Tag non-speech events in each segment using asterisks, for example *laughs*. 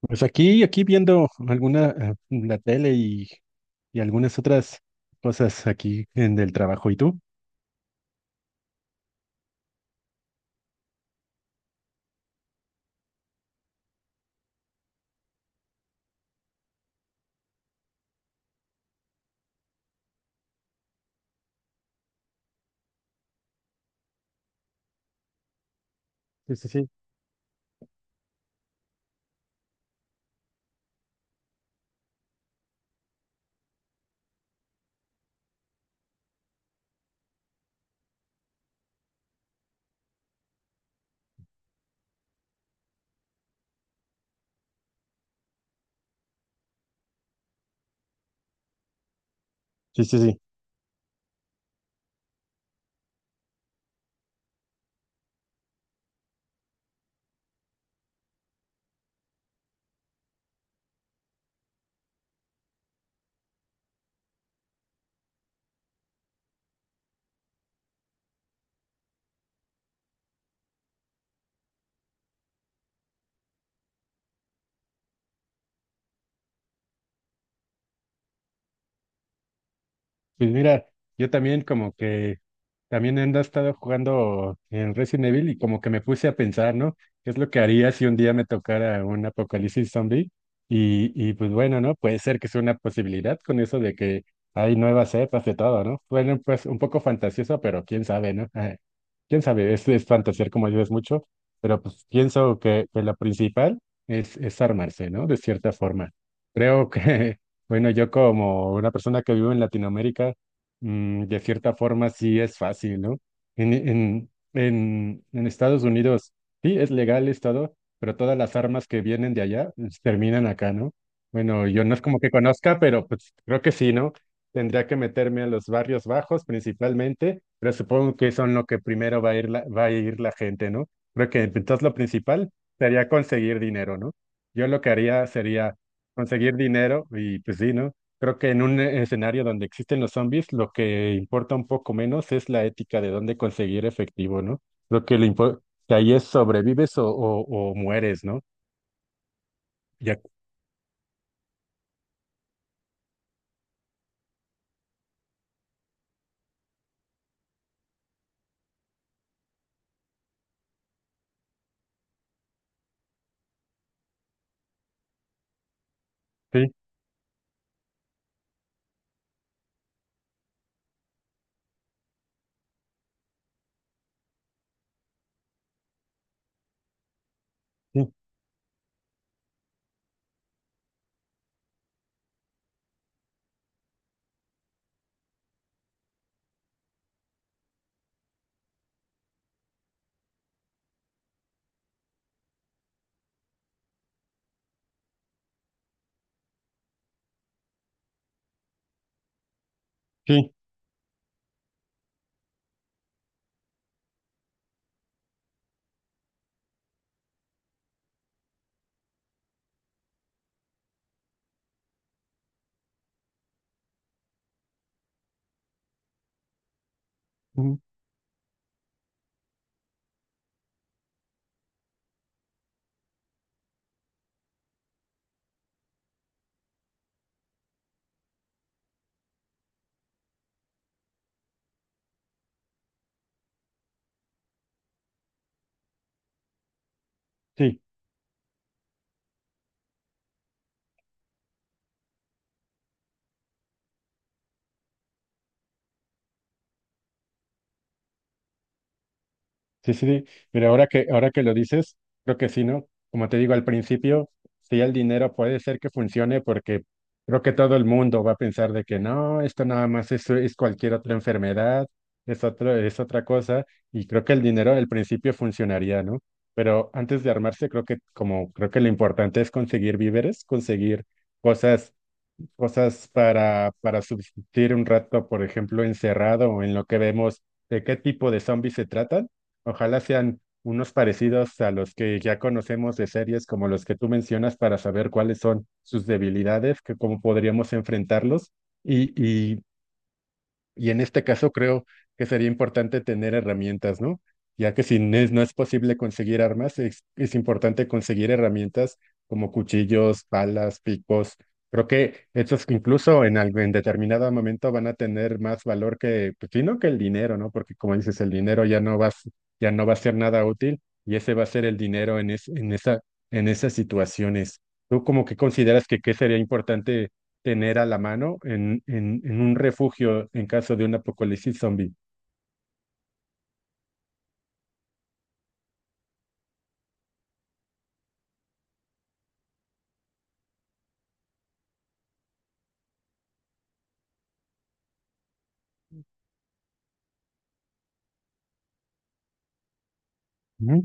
Pues aquí viendo alguna, la tele y algunas otras cosas aquí en el trabajo. ¿Y tú? Sí, sí, sí. Sí, sí, sí. Pues mira, yo también como que también ando estado jugando en Resident Evil y como que me puse a pensar, ¿no? ¿Qué es lo que haría si un día me tocara un apocalipsis zombie? Y pues bueno, ¿no? Puede ser que sea una posibilidad con eso de que hay nuevas cepas de todo, ¿no? Bueno, pues un poco fantasioso, pero quién sabe, ¿no? *laughs* Quién sabe, es fantasear como dices mucho, pero pues pienso que lo principal es armarse, ¿no? De cierta forma. Creo que *laughs* Bueno, yo como una persona que vivo en Latinoamérica, de cierta forma sí es fácil, ¿no? En Estados Unidos sí es legal es todo, pero todas las armas que vienen de allá pues, terminan acá, ¿no? Bueno, yo no es como que conozca, pero pues creo que sí, ¿no? Tendría que meterme a los barrios bajos principalmente, pero supongo que son lo que primero va a ir va a ir la gente, ¿no? Creo que pues, entonces lo principal sería conseguir dinero, ¿no? Yo lo que haría sería conseguir dinero y pues sí, ¿no? Creo que en un escenario donde existen los zombies, lo que importa un poco menos es la ética de dónde conseguir efectivo, ¿no? Lo que le importa, que ahí es sobrevives o mueres, ¿no? Ya, sí, sí, sí, ujú, sí. Sí, sí, sí. Mira, ahora que lo dices, creo que sí, ¿no? Como te digo al principio, sí, el dinero puede ser que funcione porque creo que todo el mundo va a pensar de que no, esto nada más es cualquier otra enfermedad, es otra cosa, y creo que el dinero al principio funcionaría, ¿no? Pero antes de armarse, creo que lo importante es conseguir víveres, conseguir cosas cosas para subsistir un rato, por ejemplo, encerrado o en lo que vemos de qué tipo de zombies se tratan. Ojalá sean unos parecidos a los que ya conocemos de series como los que tú mencionas para saber cuáles son sus debilidades, que cómo podríamos enfrentarlos y, y y en este caso creo que sería importante tener herramientas, ¿no? Ya que si no es posible conseguir armas, es importante conseguir herramientas como cuchillos, balas, picos. Creo que estos incluso en determinado momento van a tener más valor que, pues, sí, no que el dinero, ¿no? Porque como dices, el dinero ya no ya no va a ser nada útil y ese va a ser el dinero en en esas situaciones. ¿Tú como que consideras que qué sería importante tener a la mano en, en un refugio en caso de un apocalipsis zombie? Ujú.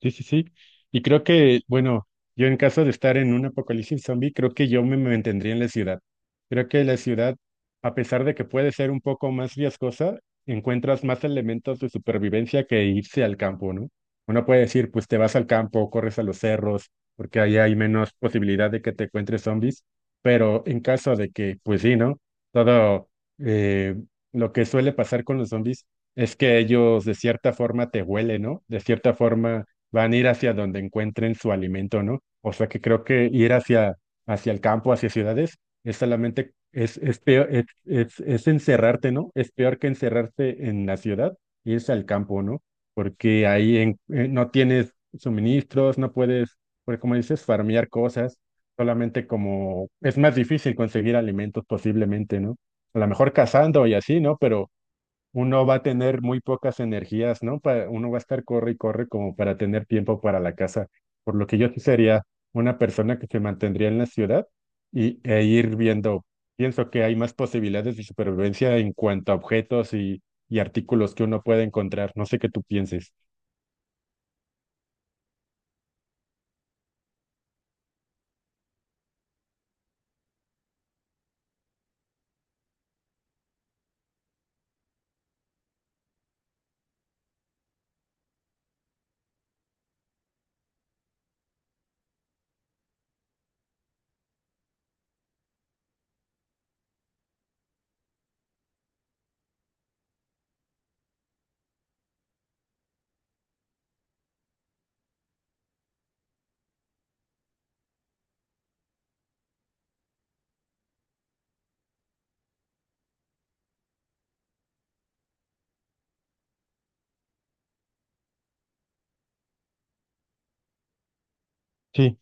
Sí, sí, sí. Y creo que, bueno, yo en caso de estar en un apocalipsis zombie, creo que yo me mantendría en la ciudad. Creo que la ciudad, a pesar de que puede ser un poco más riesgosa, encuentras más elementos de supervivencia que irse al campo, ¿no? Uno puede decir, pues te vas al campo, corres a los cerros, porque ahí hay menos posibilidad de que te encuentres zombies, pero en caso de que, pues sí, ¿no? Todo eh, lo que suele pasar con los zombies es que ellos de cierta forma te huelen, ¿no? De cierta forma van a ir hacia donde encuentren su alimento, ¿no? O sea que creo que ir hacia el campo, hacia ciudades, es solamente, es peor, es encerrarte, ¿no? Es peor que encerrarse en la ciudad, irse al campo, ¿no? Porque no tienes suministros, no puedes, pues como dices, farmear cosas, solamente como, es más difícil conseguir alimentos posiblemente, ¿no? A lo mejor cazando y así, ¿no? Pero uno va a tener muy pocas energías, ¿no? Uno va a estar corre y corre como para tener tiempo para la casa. Por lo que yo sí sería una persona que se mantendría en la ciudad y, e ir viendo. Pienso que hay más posibilidades de supervivencia en cuanto a objetos y artículos que uno puede encontrar. No sé qué tú pienses. Sí,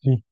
sí.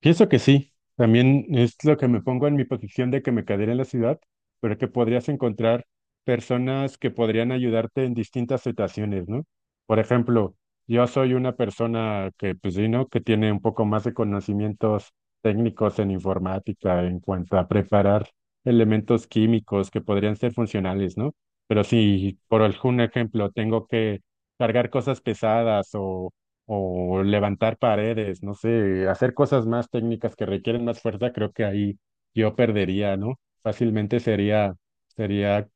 Pienso que sí. También es lo que me pongo en mi posición de que me quedaría en la ciudad, pero que podrías encontrar personas que podrían ayudarte en distintas situaciones, ¿no? Por ejemplo, yo soy una persona que, pues sí, ¿no? Que tiene un poco más de conocimientos técnicos en informática en cuanto a preparar elementos químicos que podrían ser funcionales, ¿no? Pero si, por algún ejemplo, tengo que cargar cosas pesadas o levantar paredes, no sé, hacer cosas más técnicas que requieren más fuerza, creo que ahí yo perdería, ¿no? Fácilmente sería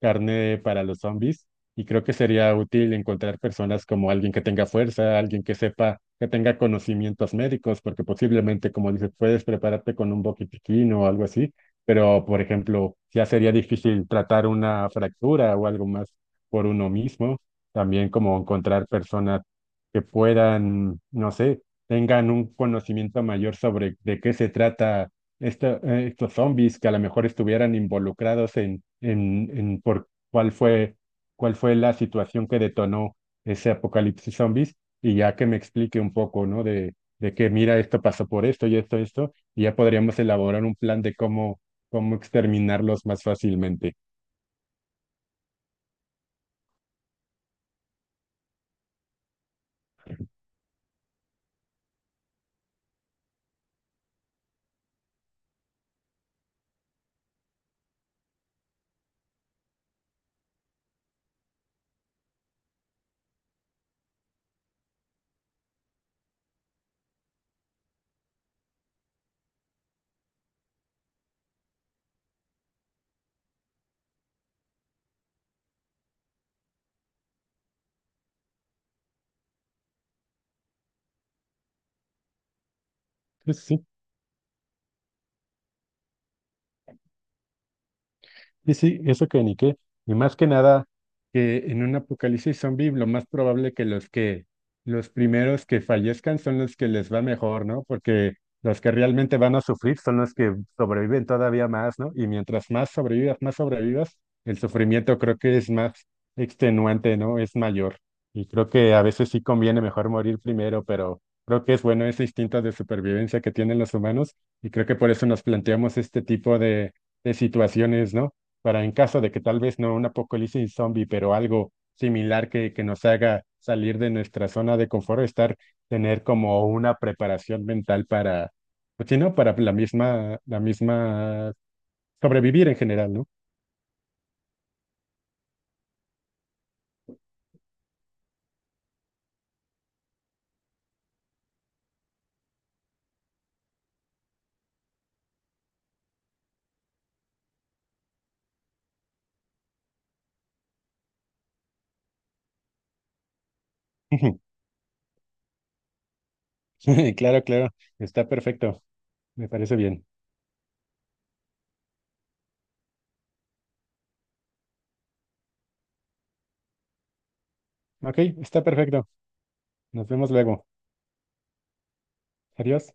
carne para los zombies y creo que sería útil encontrar personas como alguien que tenga fuerza, alguien que sepa, que tenga conocimientos médicos, porque posiblemente, como dices, puedes prepararte con un botiquín o algo así, pero, por ejemplo, ya sería difícil tratar una fractura o algo más por uno mismo, también como encontrar personas que puedan, no sé, tengan un conocimiento mayor sobre de qué se trata estos zombies que a lo mejor estuvieran involucrados en por cuál fue la situación que detonó ese apocalipsis zombies, y ya que me explique un poco, ¿no? De que mira, esto pasó por esto y esto, esto, y ya podríamos elaborar un plan de cómo exterminarlos más fácilmente. Pues sí. Y sí, eso que ni qué. Y más que nada, que en un apocalipsis zombie lo más probable que los primeros que fallezcan son los que les va mejor, ¿no? Porque los que realmente van a sufrir son los que sobreviven todavía más, ¿no? Y más sobrevivas, el sufrimiento creo que es más extenuante, ¿no? Es mayor. Y creo que a veces sí conviene mejor morir primero, pero creo que es bueno ese instinto de supervivencia que tienen los humanos y creo que por eso nos planteamos este tipo de situaciones, ¿no? Para en caso de que tal vez no un apocalipsis zombie, pero algo similar que nos haga salir de nuestra zona de confort, estar, tener como una preparación mental para, pues sí, ¿no? Para la misma sobrevivir en general, ¿no? Ujú. *laughs* Claro, claro, está perfecto, me parece bien. Ok, está perfecto, nos vemos luego. Adiós.